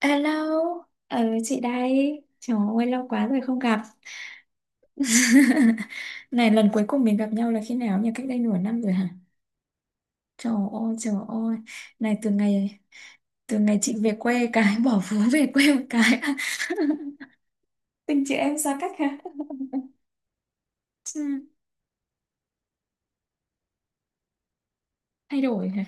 Hello, ừ, chị đây. Trời ơi, lâu quá rồi không gặp. Này, lần cuối cùng mình gặp nhau là khi nào nhỉ? Cách đây nửa năm rồi hả? Trời ơi, trời ơi. Này, từ ngày chị về quê cái, bỏ phố về quê một cái. Tình chị em xa cách hả? Ừ, thay đổi hả?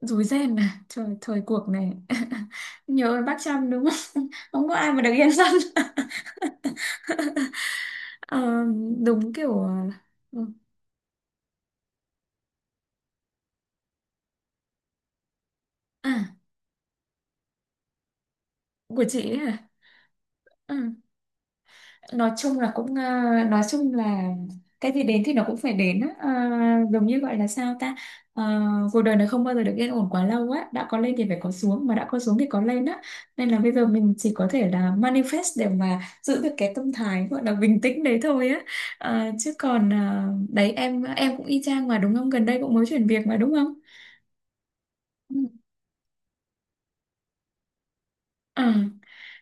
Rối ren à? Trời, thời cuộc này. Nhớ ơn bác Trăm đúng không? Không có ai mà được yên tâm. Ờ, đúng kiểu, ừ. À, của chị ấy hả? Ừ. Nói chung là cũng, nói chung là cái gì đến thì nó cũng phải đến á. Ờ, Giống như gọi là sao ta. Ờ, Cuộc đời này không bao giờ được yên ổn quá lâu á, đã có lên thì phải có xuống, mà đã có xuống thì có lên á, nên là bây giờ mình chỉ có thể là manifest để mà giữ được cái tâm thái gọi là bình tĩnh đấy thôi á. Chứ còn, đấy em cũng y chang mà đúng không, gần đây cũng mới chuyển việc mà đúng không? Ừ. Ừ.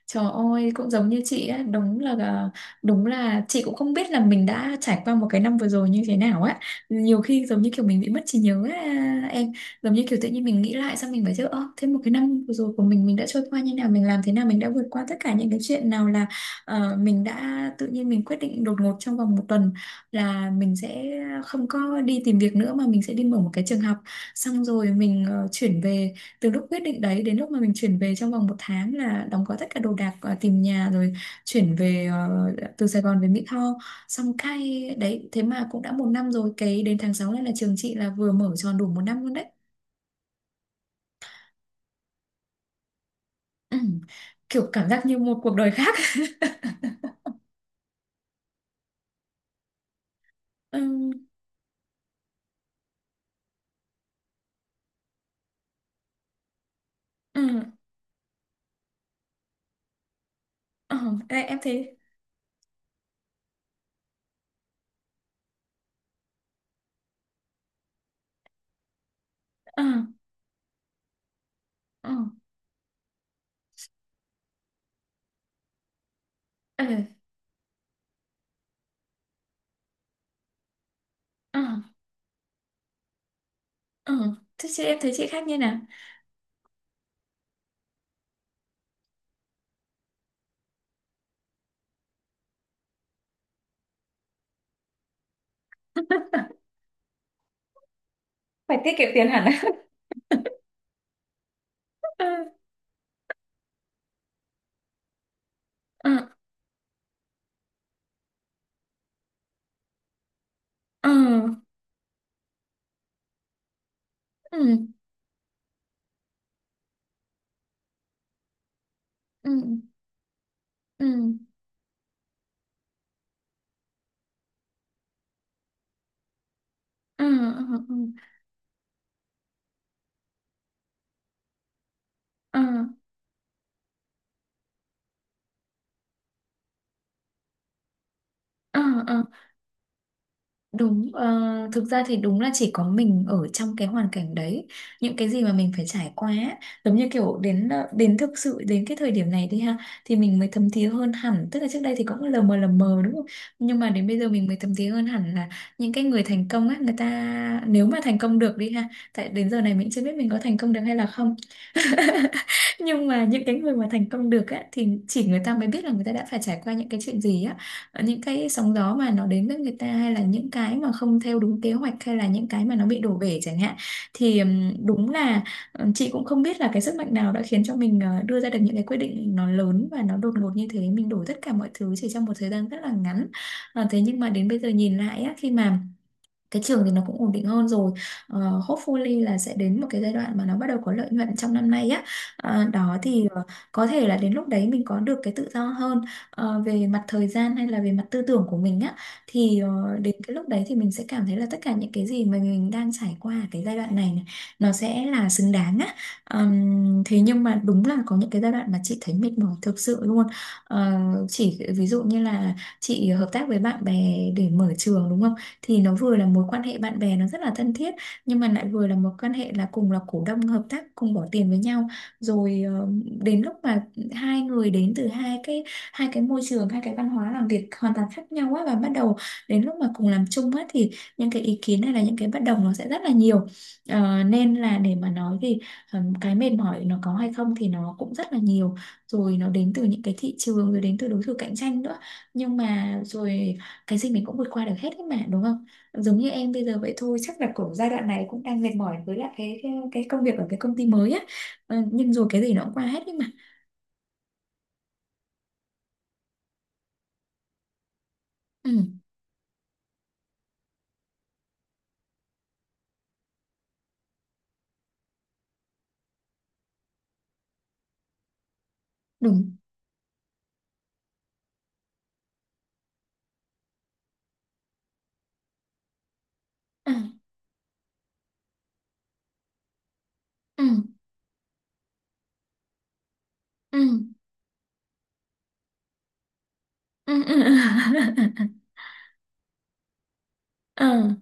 Trời ơi, cũng giống như chị á, đúng là chị cũng không biết là mình đã trải qua một cái năm vừa rồi như thế nào á. Nhiều khi giống như kiểu mình bị mất trí nhớ á, em, giống như kiểu tự nhiên mình nghĩ lại, xong mình phải chứ ơ, thế một cái năm vừa rồi của mình đã trôi qua như nào, mình làm thế nào, mình đã vượt qua tất cả những cái chuyện nào là, mình đã tự nhiên mình quyết định đột ngột trong vòng một tuần là mình sẽ không có đi tìm việc nữa mà mình sẽ đi mở một cái trường học. Xong rồi mình, chuyển về, từ lúc quyết định đấy đến lúc mà mình chuyển về trong vòng một tháng là đóng gói tất cả đồ đạc, tìm nhà, rồi chuyển về, từ Sài Gòn về Mỹ Tho, xong cay đấy thế mà cũng đã một năm rồi, cái đến tháng 6 này là trường chị là vừa mở tròn đủ một năm luôn đấy. Ừ, kiểu cảm giác như một cuộc đời khác. Ừ. Ừ. Ừ. Ê, em thấy. Ừ. Ừ. Ừ. Ừ. Ừ. Thế chị em thấy chị khác như nào? Phải tiết kiệm tiền hẳn á. Ừ. Ừ. Ừ. Ừ. Ừ. Ừ. Ừ. Ừ. Ừ. Ờ, ờ, đúng, thực ra thì đúng là chỉ có mình ở trong cái hoàn cảnh đấy, những cái gì mà mình phải trải qua á, giống như kiểu đến thực sự đến cái thời điểm này đi ha, thì mình mới thấm thía hơn hẳn, tức là trước đây thì cũng lờ mờ đúng không, nhưng mà đến bây giờ mình mới thấm thía hơn hẳn là những cái người thành công á, người ta nếu mà thành công được đi ha, tại đến giờ này mình chưa biết mình có thành công được hay là không. Nhưng mà những cái người mà thành công được á thì chỉ người ta mới biết là người ta đã phải trải qua những cái chuyện gì á. Những cái sóng gió mà nó đến với người ta, hay là những cái mà không theo đúng kế hoạch, hay là những cái mà nó bị đổ bể chẳng hạn, thì đúng là, chị cũng không biết là cái sức mạnh nào đã khiến cho mình, đưa ra được những cái quyết định nó lớn và nó đột ngột như thế, mình đổi tất cả mọi thứ chỉ trong một thời gian rất là ngắn. Thế nhưng mà đến bây giờ nhìn lại á, khi mà cái trường thì nó cũng ổn định hơn rồi. Ờ, Hopefully là sẽ đến một cái giai đoạn mà nó bắt đầu có lợi nhuận trong năm nay á. Đó thì, có thể là đến lúc đấy mình có được cái tự do hơn, về mặt thời gian hay là về mặt tư tưởng của mình á, thì đến cái lúc đấy thì mình sẽ cảm thấy là tất cả những cái gì mà mình đang trải qua ở cái giai đoạn này, này, nó sẽ là xứng đáng á. Thế nhưng mà đúng là có những cái giai đoạn mà chị thấy mệt mỏi thực sự luôn. Ờ, chỉ ví dụ như là chị hợp tác với bạn bè để mở trường đúng không, thì nó vừa là mối quan hệ bạn bè nó rất là thân thiết, nhưng mà lại vừa là mối quan hệ là cùng là cổ đông hợp tác cùng bỏ tiền với nhau, rồi, đến lúc mà hai người đến từ hai cái môi trường, hai cái văn hóa làm việc hoàn toàn khác nhau á, và bắt đầu đến lúc mà cùng làm chung á, thì những cái ý kiến hay là những cái bất đồng nó sẽ rất là nhiều. Nên là để mà nói thì, cái mệt mỏi nó có hay không thì nó cũng rất là nhiều, rồi nó đến từ những cái thị trường, rồi đến từ đối thủ cạnh tranh nữa, nhưng mà rồi cái gì mình cũng vượt qua được hết ấy mà đúng không? Giống như em bây giờ vậy thôi, chắc là cũng giai đoạn này cũng đang mệt mỏi với lại cái công việc ở cái công ty mới á. Nhưng rồi cái gì nó cũng qua hết ấy mà. Ừ, đúng. Ừ. Ừ. Ừ. Ừ. Ừ. Ừ.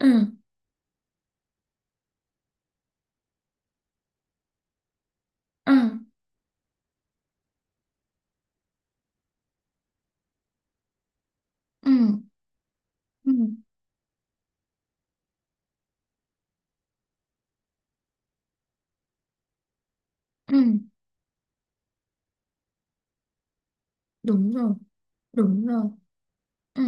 Ừ. Ừ. Ừ. Ừ. Ừ. Đúng rồi. Đúng rồi. Ừ.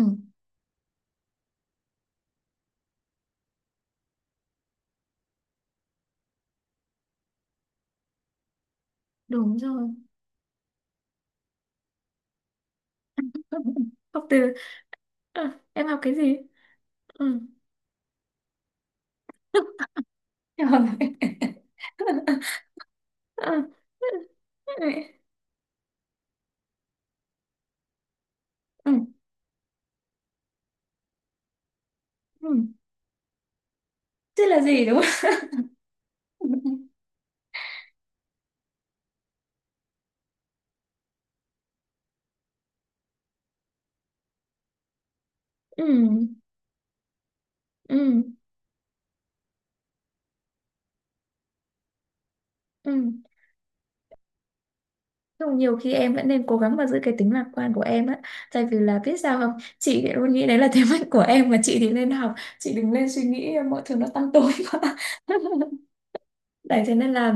Đúng rồi. Học từ. Em học cái gì? Ừ. Em học. Ừ. Ừ. Ừ. Thế là gì đúng không? Ừ. Ừ. Ừ. Nhưng nhiều khi em vẫn nên cố gắng mà giữ cái tính lạc quan của em á. Tại vì là biết sao không? Chị thì luôn nghĩ đấy là thế mạnh của em mà chị thì nên học. Chị đừng nên suy nghĩ mọi thứ nó tăm tối quá. Đấy thế nên là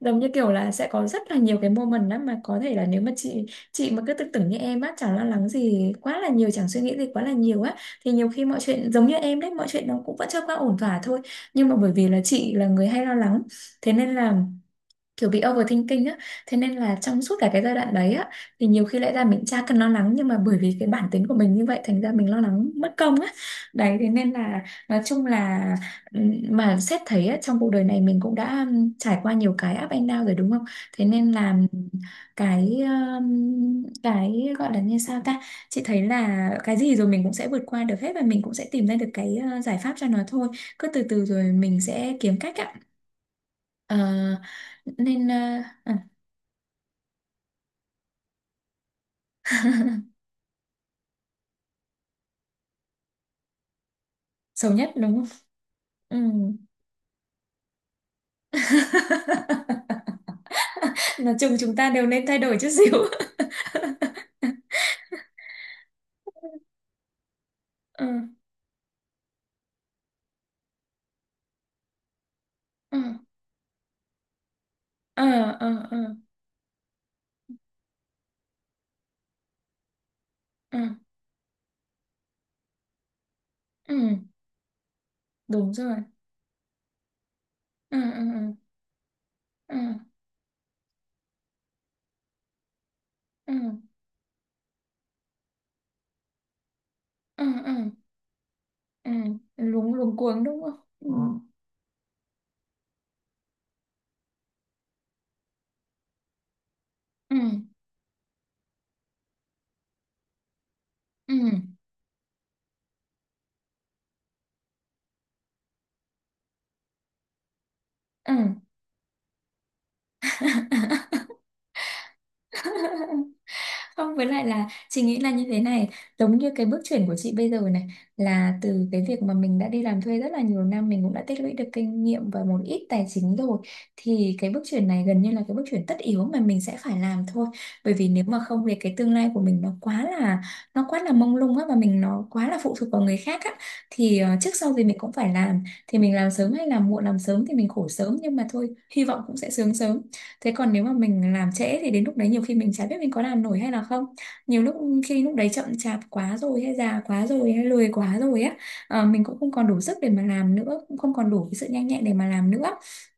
giống như kiểu là sẽ có rất là nhiều cái moment đó mà có thể là nếu mà chị mà cứ tự tưởng như em á, chẳng lo lắng gì quá là nhiều, chẳng suy nghĩ gì quá là nhiều á, thì nhiều khi mọi chuyện giống như em đấy, mọi chuyện nó cũng vẫn trôi qua ổn thỏa thôi. Nhưng mà bởi vì là chị là người hay lo lắng, thế nên là kiểu bị overthinking á, thế nên là trong suốt cả cái giai đoạn đấy á, thì nhiều khi lẽ ra mình chả cần lo lắng, nhưng mà bởi vì cái bản tính của mình như vậy thành ra mình lo lắng mất công á. Đấy thế nên là nói chung là, mà xét thấy á, trong cuộc đời này mình cũng đã, trải qua nhiều cái up and down rồi đúng không, thế nên là, cái, ừm, cái gọi là như sao ta, chị thấy là cái gì rồi mình cũng sẽ vượt qua được hết, và mình cũng sẽ tìm ra được cái, giải pháp cho nó thôi, cứ từ từ rồi mình sẽ kiếm cách ạ. Ờ, Nên, à, xấu nhất đúng không? Ừ. Nói chung chúng ta đều nên thay đổi chút xíu. Ừ. Ừ. Ờ, ờ, ờ, ờ, ừ. Đúng rồi. Ừ, ừ, ừ, ừ, ừ, ừ, ừ, ừ. Luống luống cuống đúng không? Ừ. Ừ. Ừ. Ừ. Không, với lại là chị nghĩ là như thế này, giống như cái bước chuyển của chị bây giờ này, là từ cái việc mà mình đã đi làm thuê rất là nhiều năm, mình cũng đã tích lũy được kinh nghiệm và một ít tài chính rồi, thì cái bước chuyển này gần như là cái bước chuyển tất yếu mà mình sẽ phải làm thôi. Bởi vì nếu mà không thì cái tương lai của mình nó quá là mông lung á, và mình nó quá là phụ thuộc vào người khác á, thì trước sau gì mình cũng phải làm, thì mình làm sớm hay làm muộn, làm sớm thì mình khổ sớm, nhưng mà thôi, hy vọng cũng sẽ sướng sớm. Thế còn nếu mà mình làm trễ thì đến lúc đấy nhiều khi mình chả biết mình có làm nổi hay là không. Nhiều lúc khi lúc đấy chậm chạp quá rồi hay già quá rồi hay lười quá rồi á, mình cũng không còn đủ sức để mà làm nữa, cũng không còn đủ cái sự nhanh nhẹn để mà làm nữa,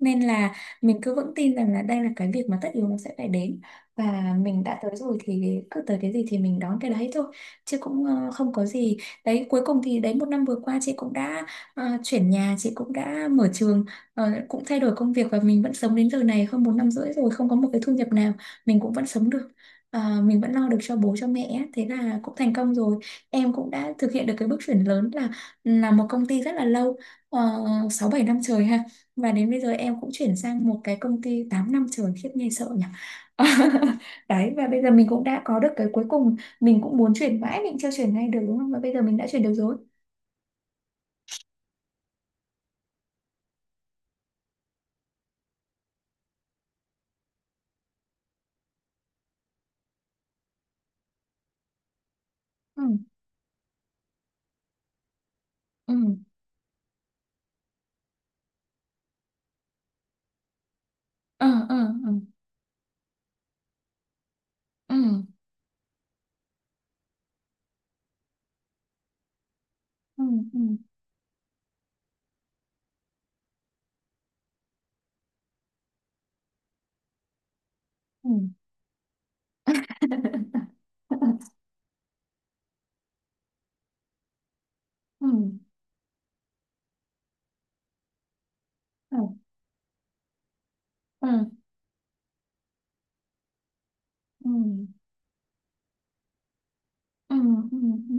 nên là mình cứ vững tin rằng là đây là cái việc mà tất yếu nó sẽ phải đến, và mình đã tới rồi thì cứ tới cái gì thì mình đón cái đấy thôi, chứ cũng, không có gì. Đấy, cuối cùng thì đấy một năm vừa qua chị cũng đã, chuyển nhà, chị cũng đã mở trường, cũng thay đổi công việc, và mình vẫn sống đến giờ này hơn một năm rưỡi rồi không có một cái thu nhập nào, mình cũng vẫn sống được. Mình vẫn lo được cho bố cho mẹ á, thế là cũng thành công rồi. Em cũng đã thực hiện được cái bước chuyển lớn là một công ty rất là lâu, uh, 6 7 năm trời ha, và đến bây giờ em cũng chuyển sang một cái công ty 8 năm trời, khiếp nghe sợ nhỉ. Đấy, và bây giờ mình cũng đã có được cái cuối cùng, mình cũng muốn chuyển mãi mình chưa chuyển ngay được đúng không, và bây giờ mình đã chuyển được rồi. Ừ. Ừ. Ờ. Ờ. Ờ. Ừ. Ừ. Ừ. Ừ. Ừ. Ừ. Ừ. Ừ. Ừ. Ừ. Ừ.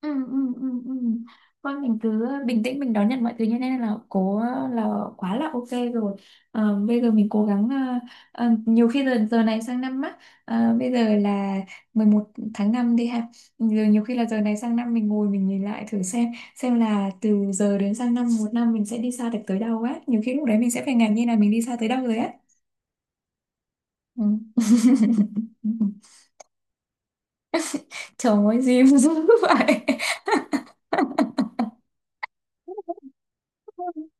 Ừ. Ừ. Ừ. Ừ. Thôi mình cứ bình tĩnh mình đón nhận mọi thứ như thế này là cố, là quá là ok rồi. Bây giờ mình cố gắng, nhiều khi giờ giờ này sang năm á, bây giờ là 11 tháng 5 đi ha, giờ nhiều khi là giờ này sang năm mình ngồi mình nhìn lại thử xem là từ giờ đến sang năm một năm mình sẽ đi xa được tới đâu á, nhiều khi lúc đấy mình sẽ phải ngạc nhiên là mình đi xa tới đâu rồi á. Ừ. Trời ơi, diêm dữ vậy.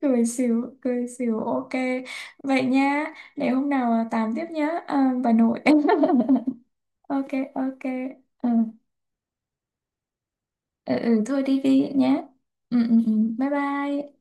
Cười xỉu cười xỉu, ok vậy nha, để hôm nào à, tám tiếp nhá, à, bà nội. Ok. Ok. Ừ. Ừ, ừ, thôi đi đi nhé. Ừ, ừ, ừ. Bye bye.